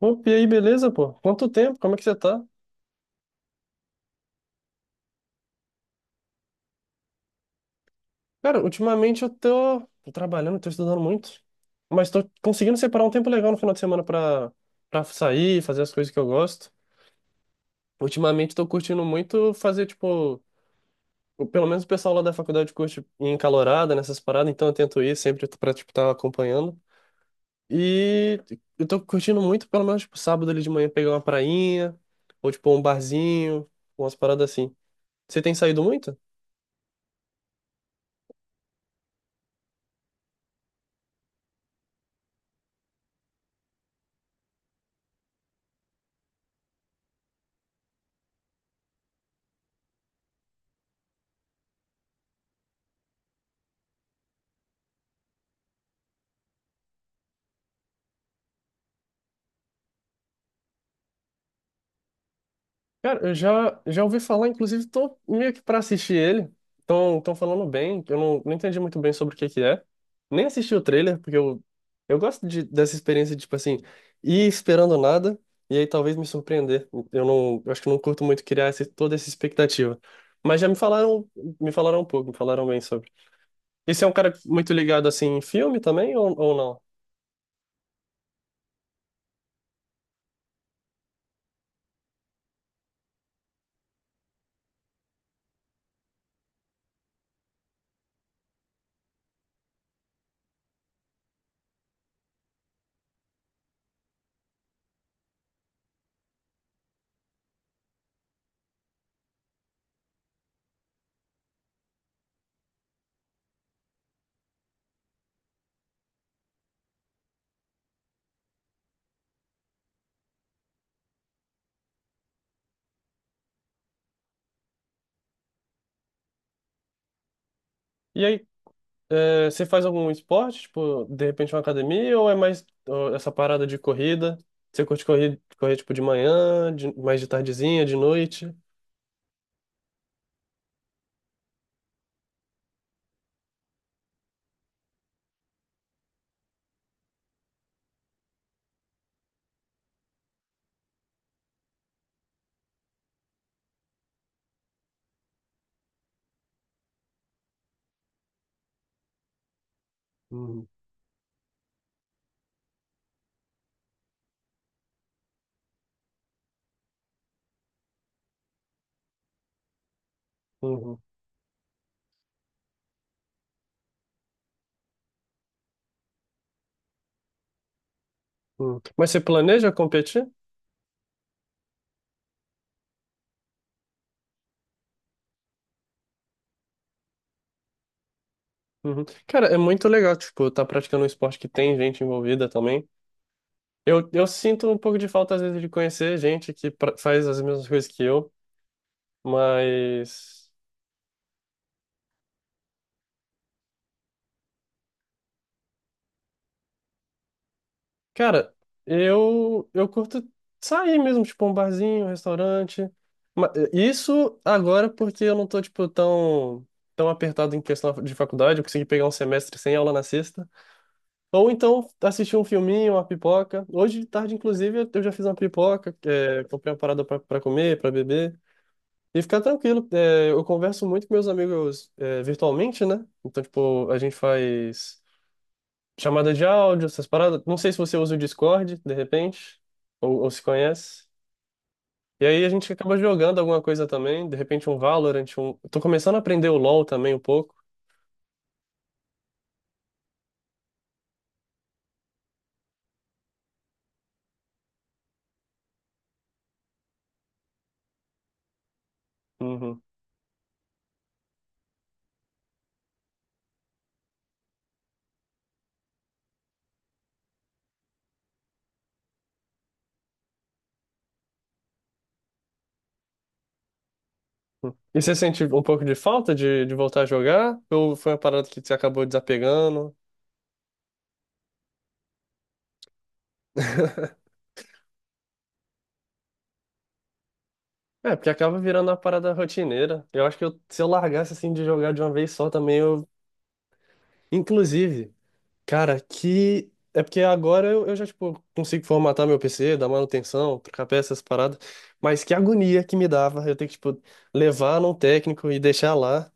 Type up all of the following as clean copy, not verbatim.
Opa, e aí, beleza, pô? Quanto tempo? Como é que você tá? Cara, ultimamente eu tô trabalhando, tô estudando muito, mas tô conseguindo separar um tempo legal no final de semana pra sair, fazer as coisas que eu gosto. Ultimamente tô curtindo muito fazer, tipo, pelo menos o pessoal lá da faculdade curte ir em calorada nessas paradas, então eu tento ir sempre pra, tipo, estar acompanhando. E eu tô curtindo muito, pelo menos, tipo, sábado ali de manhã pegar uma prainha, ou, tipo, um barzinho, umas paradas assim. Você tem saído muito? Cara, eu já ouvi falar, inclusive tô meio que pra assistir ele. Tão falando bem, eu não entendi muito bem sobre o que que é. Nem assisti o trailer, porque eu gosto dessa experiência de, tipo assim, ir esperando nada e aí talvez me surpreender. Eu não, eu acho que não curto muito criar toda essa expectativa. Mas já me falaram um pouco, me falaram bem sobre. Esse é um cara muito ligado, assim, em filme também ou não? E aí, é, você faz algum esporte, tipo, de repente uma academia, ou é mais ó, essa parada de corrida? Você curte correr tipo, de manhã, mais de tardezinha, de noite? Uhum, uhum, uhum. Mas você planeja competir? Uhum. Cara, é muito legal, tipo, tá praticando um esporte que tem gente envolvida também. Eu sinto um pouco de falta, às vezes, de conhecer gente que faz as mesmas coisas que eu, mas... Cara, eu curto sair mesmo, tipo, um barzinho, um restaurante. Isso agora porque eu não tô, tipo, tão apertado em questão de faculdade, eu consegui pegar um semestre sem aula na sexta. Ou então assistir um filminho, uma pipoca. Hoje de tarde, inclusive, eu já fiz uma pipoca, é, comprei uma parada pra comer, pra beber. E ficar tranquilo. É, eu converso muito com meus amigos, é, virtualmente, né? Então, tipo, a gente faz chamada de áudio, essas paradas. Não sei se você usa o Discord, de repente, ou se conhece. E aí a gente acaba jogando alguma coisa também, de repente um Valorant, um... Tô começando a aprender o LoL também um pouco. Uhum. Uhum. E você sente um pouco de falta de voltar a jogar? Ou foi uma parada que você acabou desapegando? É, porque acaba virando uma parada rotineira. Eu acho que se eu largasse assim de jogar de uma vez só também, eu... Inclusive, cara, que. É porque agora eu já, tipo, consigo formatar meu PC, dar manutenção, trocar peças, essas paradas. Mas que agonia que me dava eu ter que, tipo, levar num técnico e deixar lá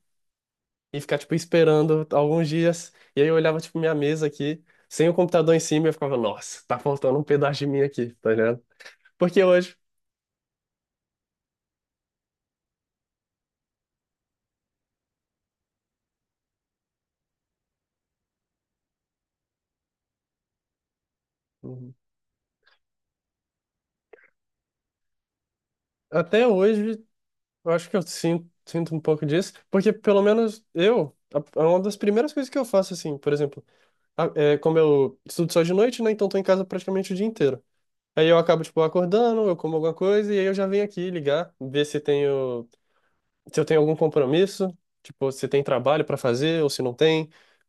e ficar, tipo, esperando alguns dias. E aí eu olhava, tipo, minha mesa aqui, sem o computador em cima, e eu ficava, nossa, tá faltando um pedaço de mim aqui, tá ligado? Porque hoje. Uhum. Até hoje, eu acho que eu sinto um pouco disso, porque pelo menos é uma das primeiras coisas que eu faço, assim, por exemplo. É, como eu estudo só de noite, né? Então tô em casa praticamente o dia inteiro. Aí eu acabo, tipo, acordando, eu como alguma coisa e aí eu já venho aqui ligar, ver se se eu tenho algum compromisso, tipo, se tem trabalho pra fazer ou se não tem.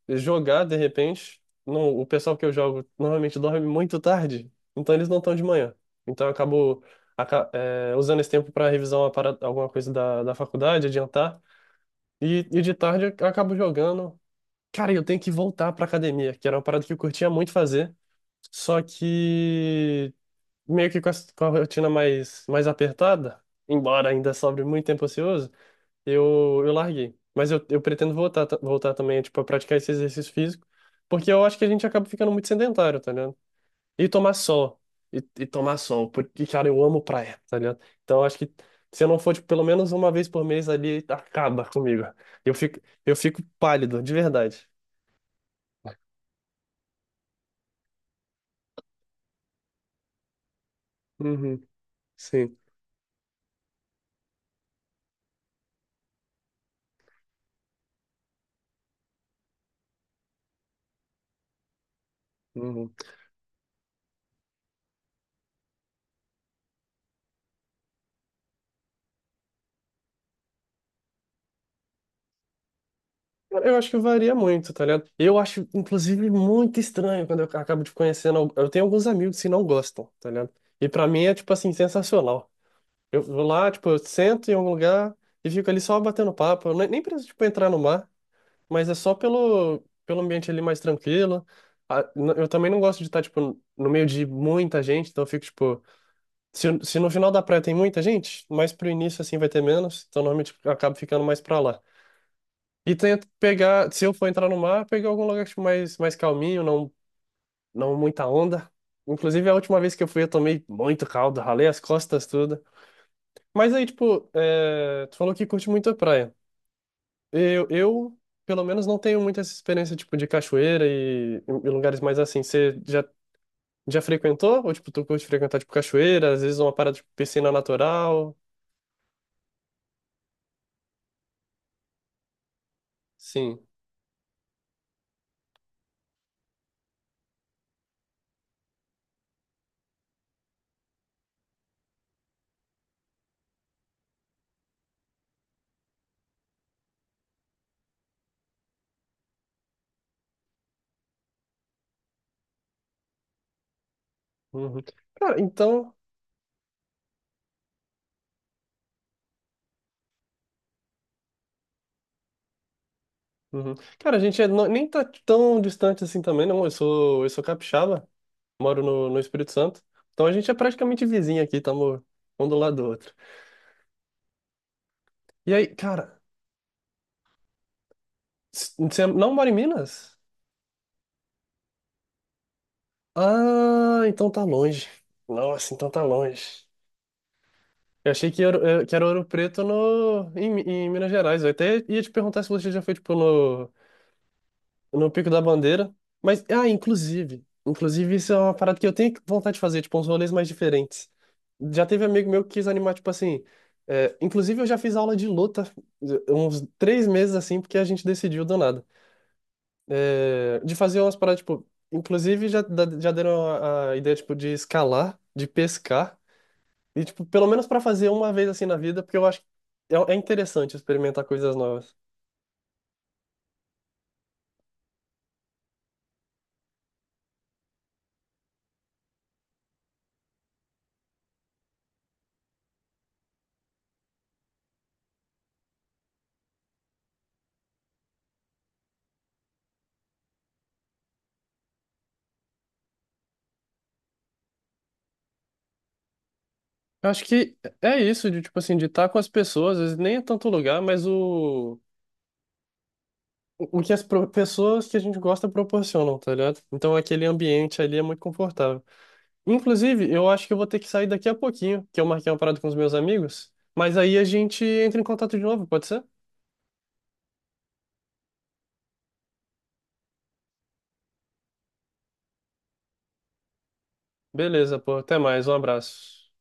Jogar, de repente, não, o pessoal que eu jogo normalmente dorme muito tarde, então eles não estão de manhã. Então eu acabo, é, usando esse tempo pra revisar uma alguma coisa da faculdade, adiantar. E de tarde eu acabo jogando cara, eu tenho que voltar pra academia, que era uma parada que eu curtia muito fazer, só que meio que com a rotina mais apertada, embora ainda sobre muito tempo ocioso, eu larguei. Mas eu pretendo voltar, voltar também, tipo, a praticar esse exercício físico, porque eu acho que a gente acaba ficando muito sedentário, tá ligado? E tomar sol, e tomar sol, porque, cara, eu amo praia, tá ligado? Então, eu acho que se eu não for, tipo, pelo menos uma vez por mês ali, acaba comigo. Eu fico, eu fico pálido, de verdade. Uhum. Sim. Uhum. Cara, eu acho que varia muito, tá ligado? Eu acho, inclusive, muito estranho quando eu acabo de conhecendo. Eu tenho alguns amigos que não gostam, tá ligado? E pra mim é, tipo assim, sensacional. Eu vou lá, tipo, eu sento em algum lugar e fico ali só batendo papo. Eu nem preciso, tipo, entrar no mar, mas é só pelo ambiente ali mais tranquilo. Ah, eu também não gosto de estar, tipo, no meio de muita gente, então eu fico, tipo. Se no final da praia tem muita gente, mais pro início, assim, vai ter menos. Então, normalmente, eu acabo ficando mais pra lá. E tento pegar, se eu for entrar no mar, pegar algum lugar tipo, mais calminho, não muita onda. Inclusive, a última vez que eu fui, eu tomei muito caldo, ralei as costas tudo. Mas aí, tipo, é, tu falou que curte muito a praia. Eu, eu, pelo menos, não tenho muita essa experiência, tipo, de cachoeira e lugares mais assim. Você já frequentou? Ou, tipo, tu curte frequentar, tipo, cachoeira, às vezes uma parada de piscina natural? Sim. Uhum. Cara, então... Uhum. Cara, a gente é nem tá tão distante assim também, não. Eu sou capixaba, moro no Espírito Santo. Então a gente é praticamente vizinho aqui, estamos um do lado do outro. E aí, cara, você não mora em Minas? Ah, então tá longe. Nossa, então tá longe. Eu achei que era, que era Ouro Preto no, em, Mi- em Minas Gerais. Eu até ia te perguntar se você já foi, tipo, no Pico da Bandeira. Mas, ah, inclusive. Inclusive, isso é uma parada que eu tenho vontade de fazer, tipo, uns rolês mais diferentes. Já teve amigo meu que quis animar, tipo assim. É, inclusive, eu já fiz aula de luta uns três meses assim, porque a gente decidiu do nada. É, de fazer umas paradas, tipo. Inclusive, já deram a ideia, tipo, de escalar, de pescar. E, tipo, pelo menos pra fazer uma vez assim na vida, porque eu acho que é interessante experimentar coisas novas. Eu acho que é isso, de tipo assim, de estar com as pessoas, às vezes nem é tanto lugar, mas o que as pessoas que a gente gosta proporcionam, tá ligado? Então aquele ambiente ali é muito confortável. Inclusive, eu acho que eu vou ter que sair daqui a pouquinho, que eu marquei uma parada com os meus amigos, mas aí a gente entra em contato de novo, pode ser? Beleza, pô, até mais, um abraço.